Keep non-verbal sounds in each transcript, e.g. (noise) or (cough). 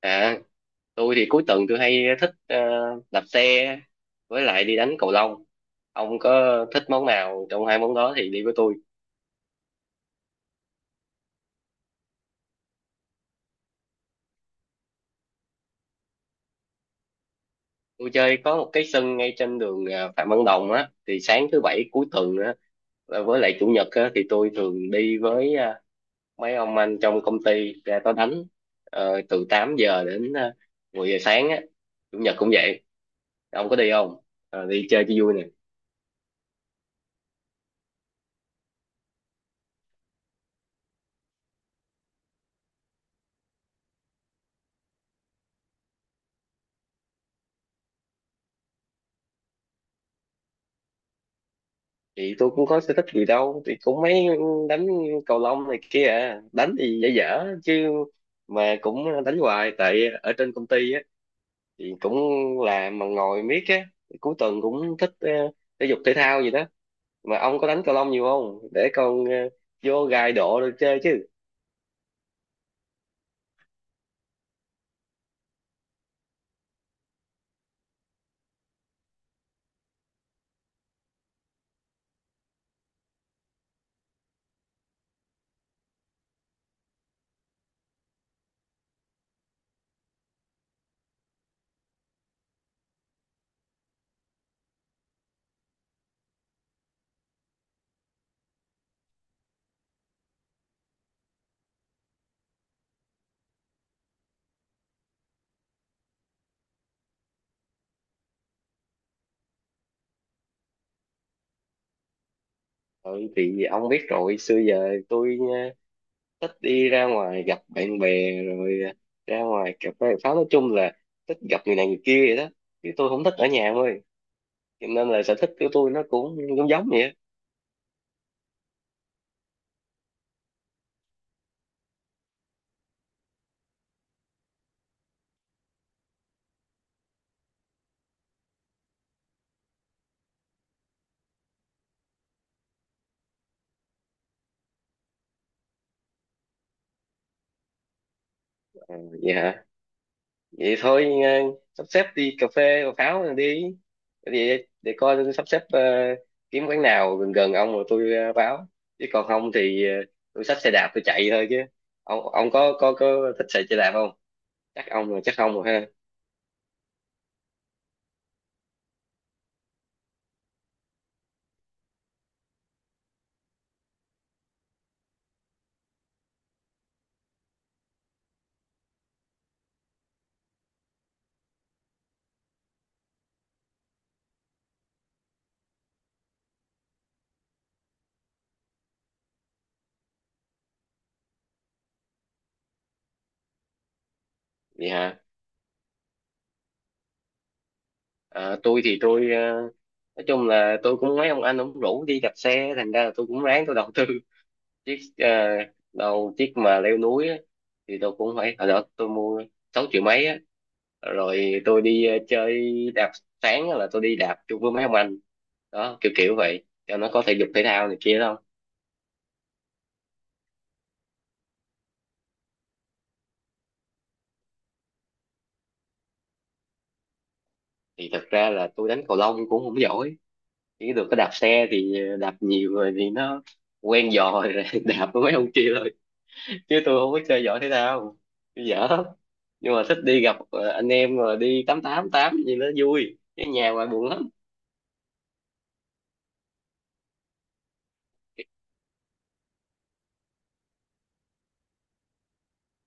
À, tôi thì cuối tuần tôi hay thích đạp xe với lại đi đánh cầu lông. Ông có thích món nào trong hai món đó thì đi với tôi. Tôi chơi có một cái sân ngay trên đường Phạm Văn Đồng á, thì sáng thứ bảy cuối tuần á và với lại chủ nhật á, thì tôi thường đi với mấy ông anh trong công ty ra đó đánh. Từ 8 giờ đến 10 giờ sáng á. Chủ nhật cũng vậy. Ông có đi không? Đi chơi cho vui nè. Thì tôi cũng có sở thích gì đâu, thì cũng mấy đánh cầu lông này kia à. Đánh thì dở dở chứ mà cũng đánh hoài, tại ở trên công ty á thì cũng làm mà ngồi miết á, cuối tuần cũng thích thể dục thể thao gì đó. Mà ông có đánh cầu lông nhiều không để con vô gài độ rồi chơi chứ. Ừ, thì ông biết rồi, xưa giờ tôi thích đi ra ngoài gặp bạn bè rồi ra ngoài cà phê pháo, nói chung là thích gặp người này người kia vậy đó, chứ tôi không thích ở nhà thôi. Cho nên là sở thích của tôi nó cũng giống giống vậy á. Vậy hả. Vậy thôi, sắp xếp đi cà phê cà pháo rồi đi. Để coi tôi sắp xếp, kiếm quán nào gần gần ông rồi tôi báo. Chứ còn không thì tôi xách xe đạp tôi chạy thôi chứ. Ông có thích chạy xe đạp không? Chắc ông rồi chắc không rồi ha. Vậy hả. Ờ, tôi thì tôi nói chung là tôi cũng mấy ông anh ông rủ đi đạp xe, thành ra là tôi cũng ráng tôi đầu tư chiếc đâu chiếc mà leo núi á, thì tôi cũng phải hồi đó tôi mua 6 triệu mấy á, rồi tôi đi chơi đạp sáng á là tôi đi đạp chung với mấy ông anh đó kiểu kiểu vậy, cho nó có thể dục thể thao này kia đâu. Thì thật ra là tôi đánh cầu lông cũng không giỏi, chỉ được cái đạp xe thì đạp nhiều rồi thì nó quen giò rồi (laughs) đạp với mấy ông kia thôi, chứ tôi không có chơi giỏi thể thao, tôi dở lắm. Nhưng mà thích đi gặp anh em rồi đi tám tám tám gì nó vui, cái nhà ngoài buồn lắm.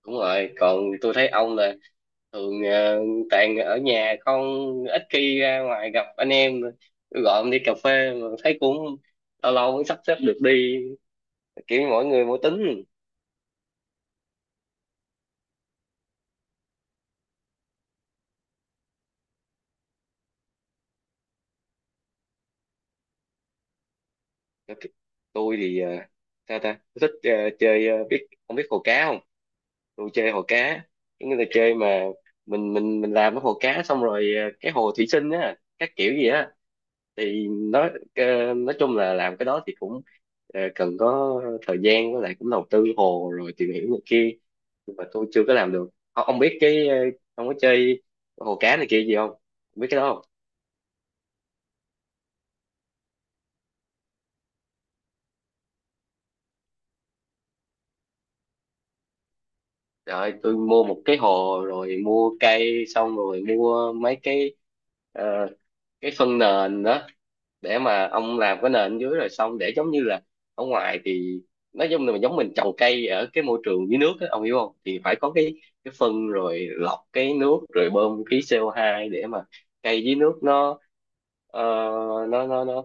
Đúng rồi, còn tôi thấy ông là thường toàn ở nhà không, ít khi ra ngoài gặp anh em. Tôi gọi ông đi cà phê mà thấy cũng lâu lâu mới sắp xếp được đi, kiểu mỗi người mỗi tính. Tôi thì sao ta, tôi thích chơi biết ông biết hồ cá không? Tôi chơi hồ cá, cái người là chơi mà mình làm cái hồ cá xong rồi cái hồ thủy sinh á các kiểu gì á, thì nói nói chung là làm cái đó thì cũng cần có thời gian với lại cũng đầu tư hồ rồi tìm hiểu này kia. Nhưng mà tôi chưa có làm được. Ông biết cái ông có chơi hồ cá này kia gì không? Ông biết cái đó không? Rồi tôi mua một cái hồ rồi mua cây xong rồi mua mấy cái ờ, cái phân nền đó, để mà ông làm cái nền dưới rồi xong để giống như là ở ngoài thì nói chung là giống mình trồng cây ở cái môi trường dưới nước á, ông hiểu không? Thì phải có cái phân rồi lọc cái nước rồi bơm khí CO2 để mà cây dưới nước nó ờ, nó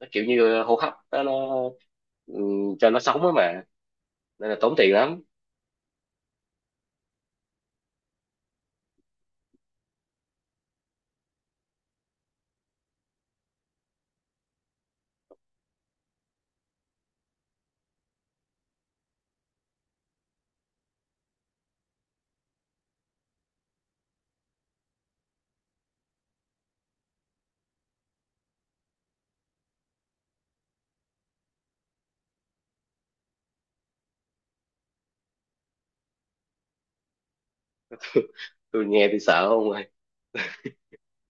nó kiểu như hô hấp nó cho nó sống á mà, nên là tốn tiền lắm. Tôi nghe tôi sợ không rồi.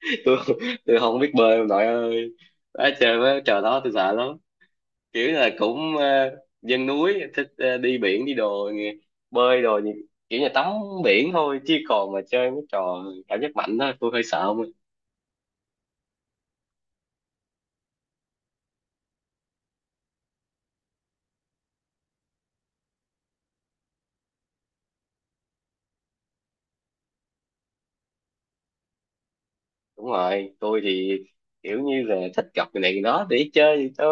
(laughs) tôi tôi không biết bơi ông nội ơi. Đó, trời ơi trời, đó tôi sợ lắm. Kiểu là cũng dân núi thích đi biển đi đồ nghe- bơi đồ gì kiểu như tắm biển thôi, chứ còn mà chơi mấy trò cảm giác mạnh đó tôi hơi sợ không ạ. Đúng rồi, tôi thì kiểu như là thích gặp người này người đó để chơi cho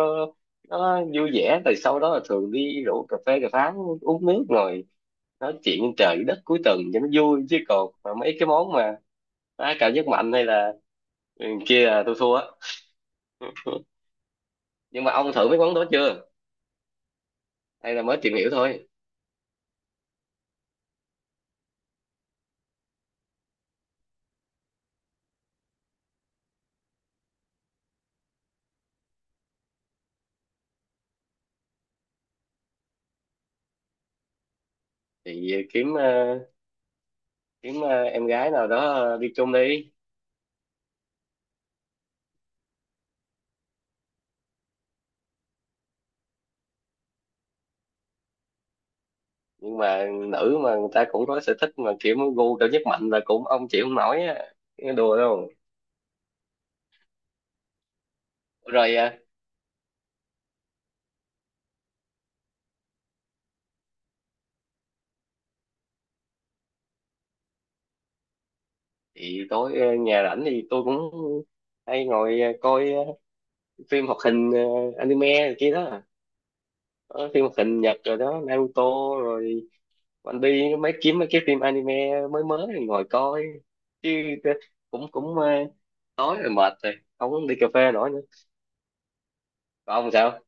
nó vui vẻ, rồi sau đó là thường đi rủ cà phê cà pháo uống nước rồi nói chuyện trên trời dưới đất cuối tuần cho nó vui, chứ còn mà mấy cái món mà đá cảm giác mạnh hay là ừ, kia là tôi thua á. Nhưng mà ông thử mấy món đó chưa hay là mới tìm hiểu thôi? Thì kiếm em gái nào đó đi chung đi. Nhưng mà nữ mà người ta cũng có sở thích mà kiểu gu cao nhất mạnh là cũng ông chịu không nổi á. Cái đùa đâu. Rồi thì tối nhà rảnh thì tôi cũng hay ngồi coi phim hoạt hình anime rồi kia đó. Có phim hoạt hình Nhật rồi đó, Naruto rồi One Piece, mấy kiếm mấy cái phim anime mới mới rồi ngồi coi. Chứ ờ, cũng cũng ờ, tối rồi mệt rồi, không đi cà phê nổi nữa. Còn ông sao?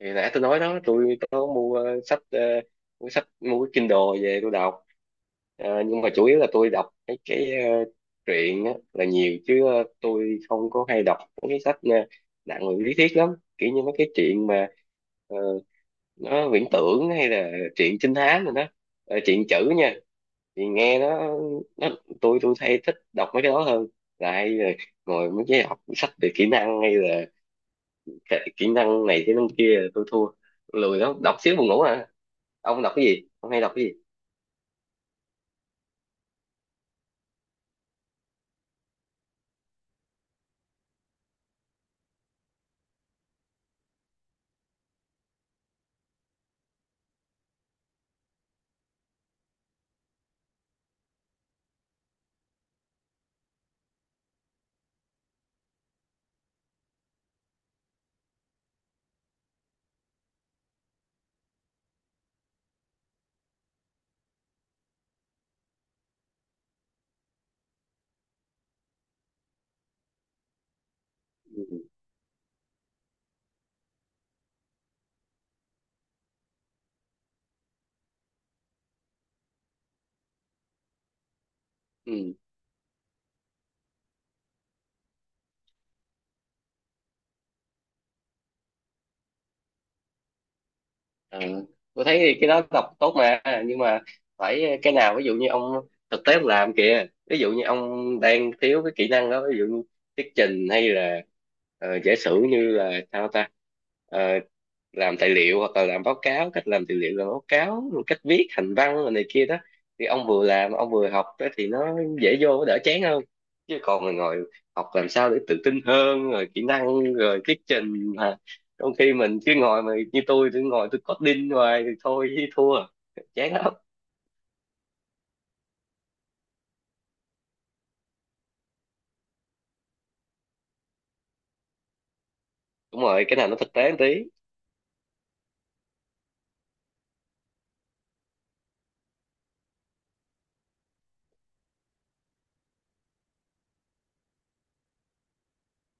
Thì nãy tôi nói đó, tôi có mua sách, mua sách, mua cái Kindle về tôi đọc. Ờ, nhưng mà chủ yếu là tôi đọc cái truyện á, là nhiều, chứ tôi không có hay đọc mấy cái sách nặng về lý thuyết lắm, kiểu như mấy cái truyện mà ờ, nó viễn tưởng hay là truyện trinh thám rồi đó. Ờ, truyện chữ nha, thì nghe nó nó tôi hay thích đọc mấy cái đó hơn là lại ngồi mấy cái học sách về kỹ năng hay là kỹ kỹ năng này kỹ năng kia tôi thua, lười lắm, đọc xíu buồn ngủ à. Ông đọc cái gì? Ông hay đọc cái gì? Ừ. Ờ, tôi thấy thì cái đó đọc tốt mà, nhưng mà phải cái nào ví dụ như ông thực tế ông làm kìa, ví dụ như ông đang thiếu cái kỹ năng đó, ví dụ như thuyết trình hay là giả sử như là sao ta. Ờ, làm tài liệu hoặc là làm báo cáo, cách làm tài liệu làm báo cáo rồi cách viết hành văn rồi này kia đó, thì ông vừa làm ông vừa học đó thì nó dễ vô, nó đỡ chán hơn. Chứ còn ngồi ngồi học làm sao để tự tin hơn rồi kỹ năng rồi thuyết trình, trong khi mình cứ ngồi mà như tôi ngồi tôi coding hoài thì thôi chứ thua, chán lắm. Đúng rồi, cái nào nó thực tế một tí.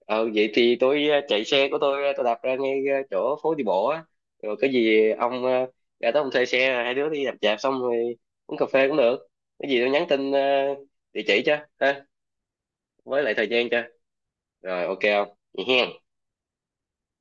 Ờ vậy thì tôi chạy xe của tôi, tôi đạp ra ngay chỗ phố đi bộ á, rồi cái gì ông ra tới ông thuê xe, hai đứa đi đạp đạp xong rồi uống cà phê cũng được. Cái gì tôi nhắn tin địa chỉ cho, ha. Với lại thời gian cho, rồi ok không? Vậy hen.